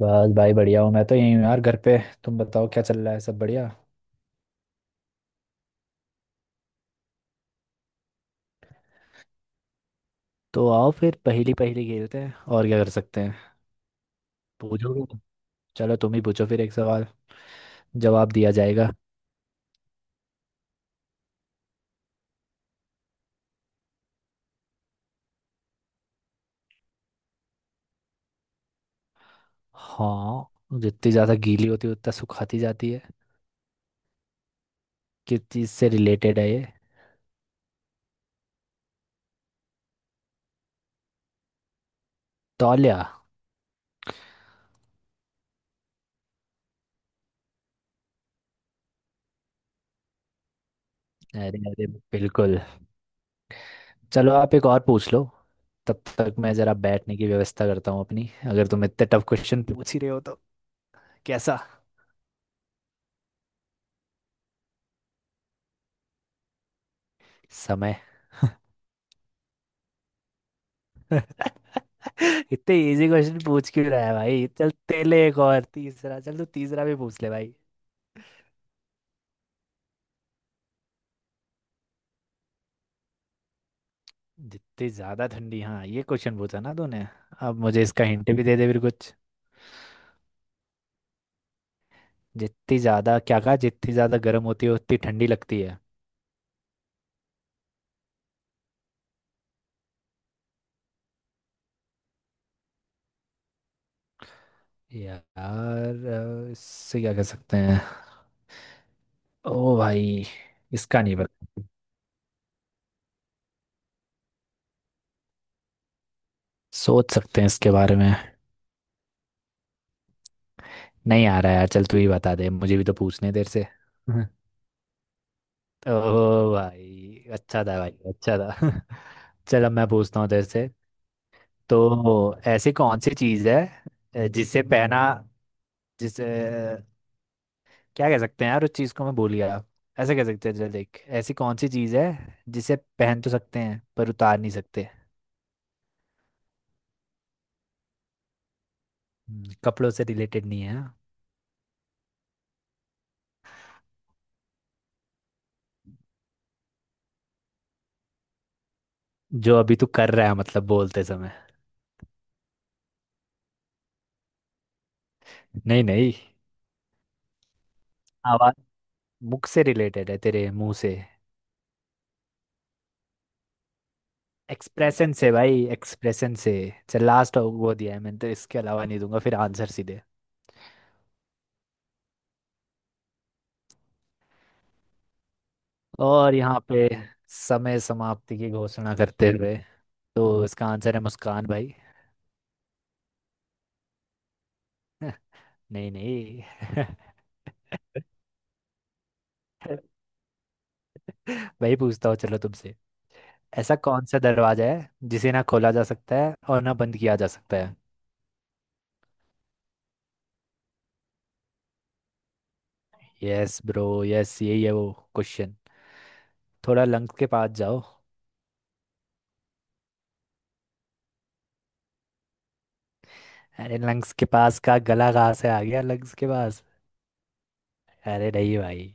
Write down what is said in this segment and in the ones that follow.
बस भाई बढ़िया हूँ। मैं तो यहीं हूँ यार, घर पे। तुम बताओ, क्या चल रहा है, सब बढ़िया? तो आओ फिर पहेली पहेली खेलते हैं, और क्या कर सकते हैं। पूछोगे तुम? चलो तुम ही पूछो फिर एक सवाल, जवाब दिया जाएगा। हाँ, जितनी ज़्यादा गीली होती है उतना सुखाती जाती है। किस चीज़ से रिलेटेड है ये? तौलिया। अरे अरे बिल्कुल। चलो आप एक और पूछ लो, तब तक मैं ज़रा बैठने की व्यवस्था करता हूँ अपनी, अगर तुम इतने टफ क्वेश्चन पूछ ही रहे हो तो। कैसा? समय। इतने इजी क्वेश्चन पूछ क्यों रहा है भाई। चल तेले एक और तीसरा, चल तू तीसरा भी पूछ ले भाई। जितनी ज्यादा ठंडी, हाँ ये क्वेश्चन पूछा ना तूने। अब मुझे इसका हिंट भी दे दे फिर कुछ। जितनी ज्यादा क्या कहा, जितनी ज्यादा गर्म होती है उतनी ठंडी लगती है? यार, इससे क्या कह सकते हैं? ओ भाई, इसका नहीं पता। सोच सकते हैं इसके बारे में? नहीं आ रहा यार, चल तू ही बता दे, मुझे भी तो पूछने हैं तेरे से। ओह भाई अच्छा था भाई, अच्छा था। चलो मैं पूछता हूँ तेरे से। तो ऐसी कौन सी चीज़ है, जिसे पहना, जिसे, क्या कह सकते हैं यार उस चीज़ को, मैं भूल गया। ऐसे कह सकते हैं, चल देख, ऐसी कौन सी चीज़ है जिसे पहन तो सकते हैं पर उतार नहीं सकते? कपड़ों से रिलेटेड नहीं है हाँ? जो अभी तू कर रहा है, मतलब बोलते समय। नहीं नहीं। आवाज मुख से रिलेटेड है, तेरे मुंह से। एक्सप्रेशन से भाई, एक्सप्रेशन से। चल लास्ट वो दिया है मैंने, तो इसके अलावा नहीं दूंगा फिर आंसर सीधे। और यहाँ पे समय समाप्ति की घोषणा करते हुए, तो इसका आंसर है मुस्कान भाई। नहीं नहीं। भाई पूछता हूँ चलो तुमसे। ऐसा कौन सा दरवाजा है जिसे ना खोला जा सकता है और ना बंद किया जा सकता है? यस ब्रो, यस, यही है वो क्वेश्चन। थोड़ा लंग्स के पास जाओ। अरे लंग्स के पास का गला कहाँ से आ गया, लंग्स के पास। अरे नहीं भाई,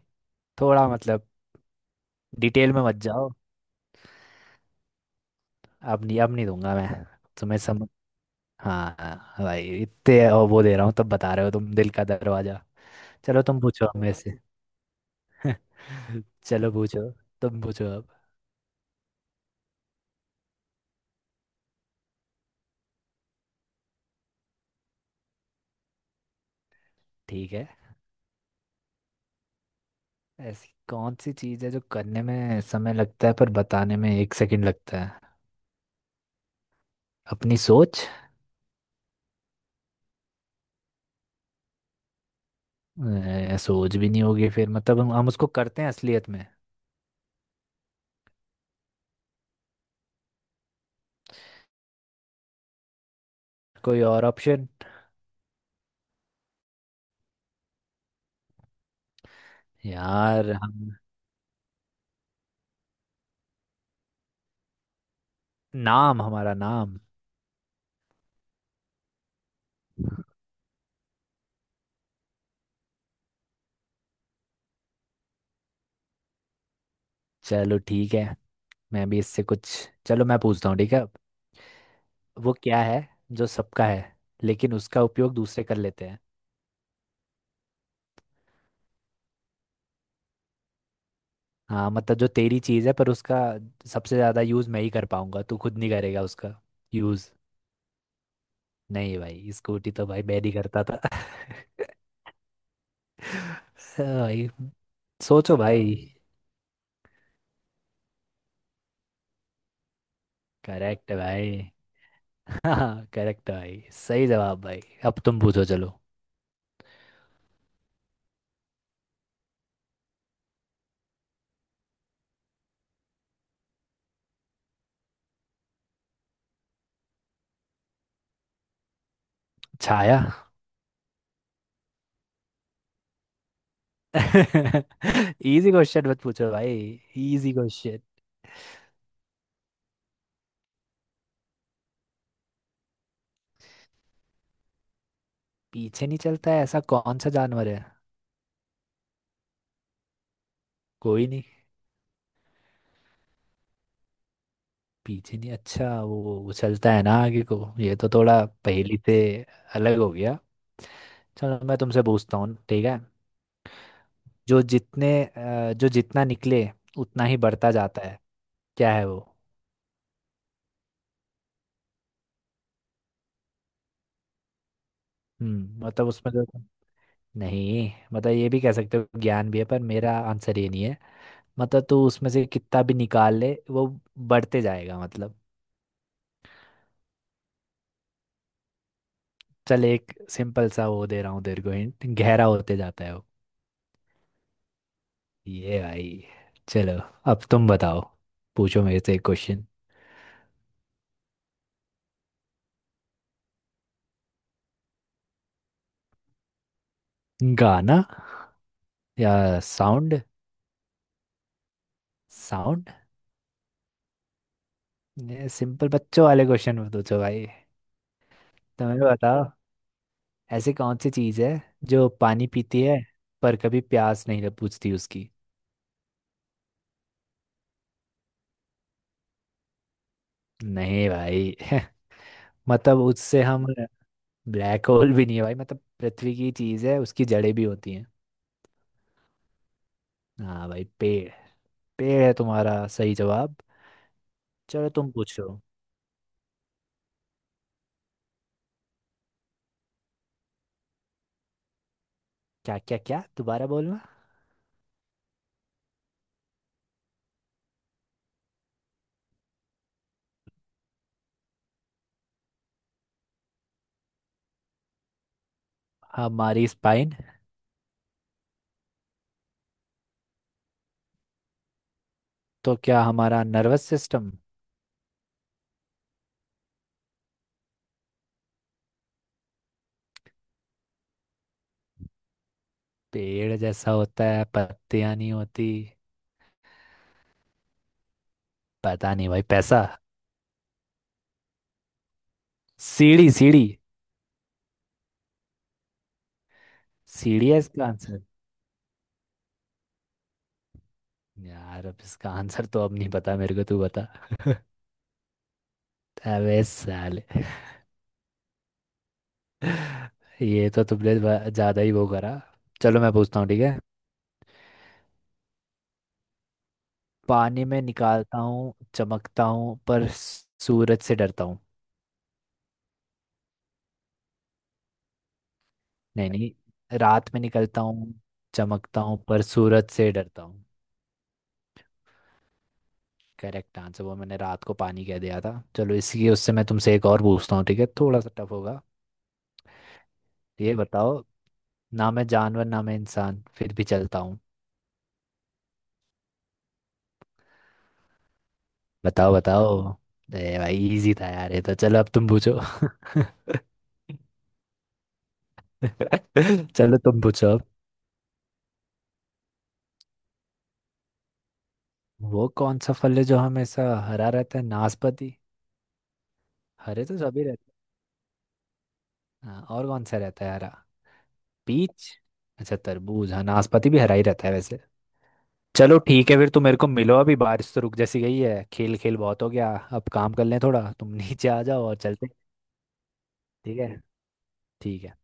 थोड़ा मतलब। डिटेल में मत जाओ। अब नहीं, अब नहीं दूंगा मैं तुम्हें समझ। हाँ हाँ, भाई इतने और वो दे रहा हूँ तब बता रहे हो तुम, दिल का दरवाजा। चलो तुम पूछो अब मेरे से। चलो पूछो, तुम पूछो अब। ठीक है। ऐसी कौन सी चीज़ है जो करने में समय लगता है पर बताने में 1 सेकंड लगता है? अपनी सोच। सोच भी नहीं होगी फिर, मतलब हम उसको करते हैं असलियत में। कोई और ऑप्शन? यार हम, नाम, हमारा नाम। चलो ठीक है, मैं भी इससे कुछ। चलो मैं पूछता हूँ, ठीक है। वो क्या है जो सबका है लेकिन उसका उपयोग दूसरे कर लेते हैं? हाँ मतलब जो तेरी चीज़ है पर उसका सबसे ज़्यादा यूज़ मैं ही कर पाऊंगा, तू खुद नहीं करेगा उसका यूज़। नहीं भाई, स्कूटी तो भाई मैं नहीं करता था। हाँ भाई। सोचो भाई। करेक्ट है भाई। हाँ करेक्ट है भाई, सही जवाब भाई। अब तुम पूछो चलो। छाया। इजी क्वेश्चन मत पूछो भाई, इजी क्वेश्चन। पीछे नहीं चलता है, ऐसा कौन सा जानवर है? कोई नहीं। पीछे नहीं, अच्छा वो उछलता है ना आगे को, ये तो थोड़ा पहेली से अलग हो गया। चलो मैं तुमसे पूछता हूँ, ठीक है। जो जितने जो जितना निकले उतना ही बढ़ता जाता है। क्या है वो? मतलब उसमें जो, नहीं मतलब ये भी कह सकते हो ज्ञान भी है, पर मेरा आंसर ये नहीं है। मतलब तू उसमें से कितना भी निकाल ले वो बढ़ते जाएगा मतलब। चल एक सिंपल सा वो दे रहा हूँ तेरे को हिंट, गहरा होते जाता है। ये भाई। चलो अब तुम बताओ, पूछो मेरे से एक क्वेश्चन। गाना, या साउंड, साउंड। ये सिंपल बच्चों वाले क्वेश्चन में पूछो भाई। तुम्हें बताओ, ऐसी कौन सी चीज़ है जो पानी पीती है पर कभी प्यास नहीं लग- बुझती उसकी? नहीं भाई। मतलब उससे हम, ब्लैक होल भी नहीं है भाई, मतलब पृथ्वी की चीज़ है, उसकी जड़ें भी होती हैं। हाँ भाई पेड़, पेड़ है तुम्हारा सही जवाब। चलो तुम पूछो। क्या क्या क्या, दोबारा बोलना। हमारी स्पाइन। तो क्या हमारा नर्वस सिस्टम? पेड़ जैसा होता है, पत्तियां नहीं होती, पता नहीं भाई, पैसा। सीढ़ी, सीढ़ी, सीढ़ी है इसका आंसर। यार अब इसका आंसर तो अब नहीं पता मेरे को, तू बता। अबे साले, ये तो तुमने ब- ज्यादा ही वो करा। चलो मैं पूछता हूँ, ठीक है। पानी में निकालता हूँ, चमकता हूँ पर सूरज से डरता हूँ। नहीं नहीं, रात में निकलता हूँ, चमकता हूँ पर सूरज से डरता हूँ। करेक्ट आंसर, वो मैंने रात को पानी कह दिया था। चलो इसकी उससे मैं तुमसे एक और पूछता हूँ, ठीक है थोड़ा सा टफ होगा। ये बताओ, ना मैं जानवर ना मैं इंसान, फिर भी चलता हूँ। बताओ बताओ। अरे भाई इजी था यार ये तो, चलो अब तुम पूछो। चलो तुम पूछो अब। वो कौन सा फल है जो हमेशा हरा रहता है? नाशपाती। हरे तो सभी रहते हैं, हाँ और कौन सा रहता है हरा? पीच। अच्छा तरबूज, हाँ नाशपाती भी हरा ही रहता है वैसे। चलो ठीक है, फिर तुम मेरे को मिलो, अभी बारिश तो रुक जैसी गई है, खेल खेल बहुत हो गया, अब काम कर लें थोड़ा, तुम नीचे आ जाओ और चलते हैं। ठीक है, ठीक है।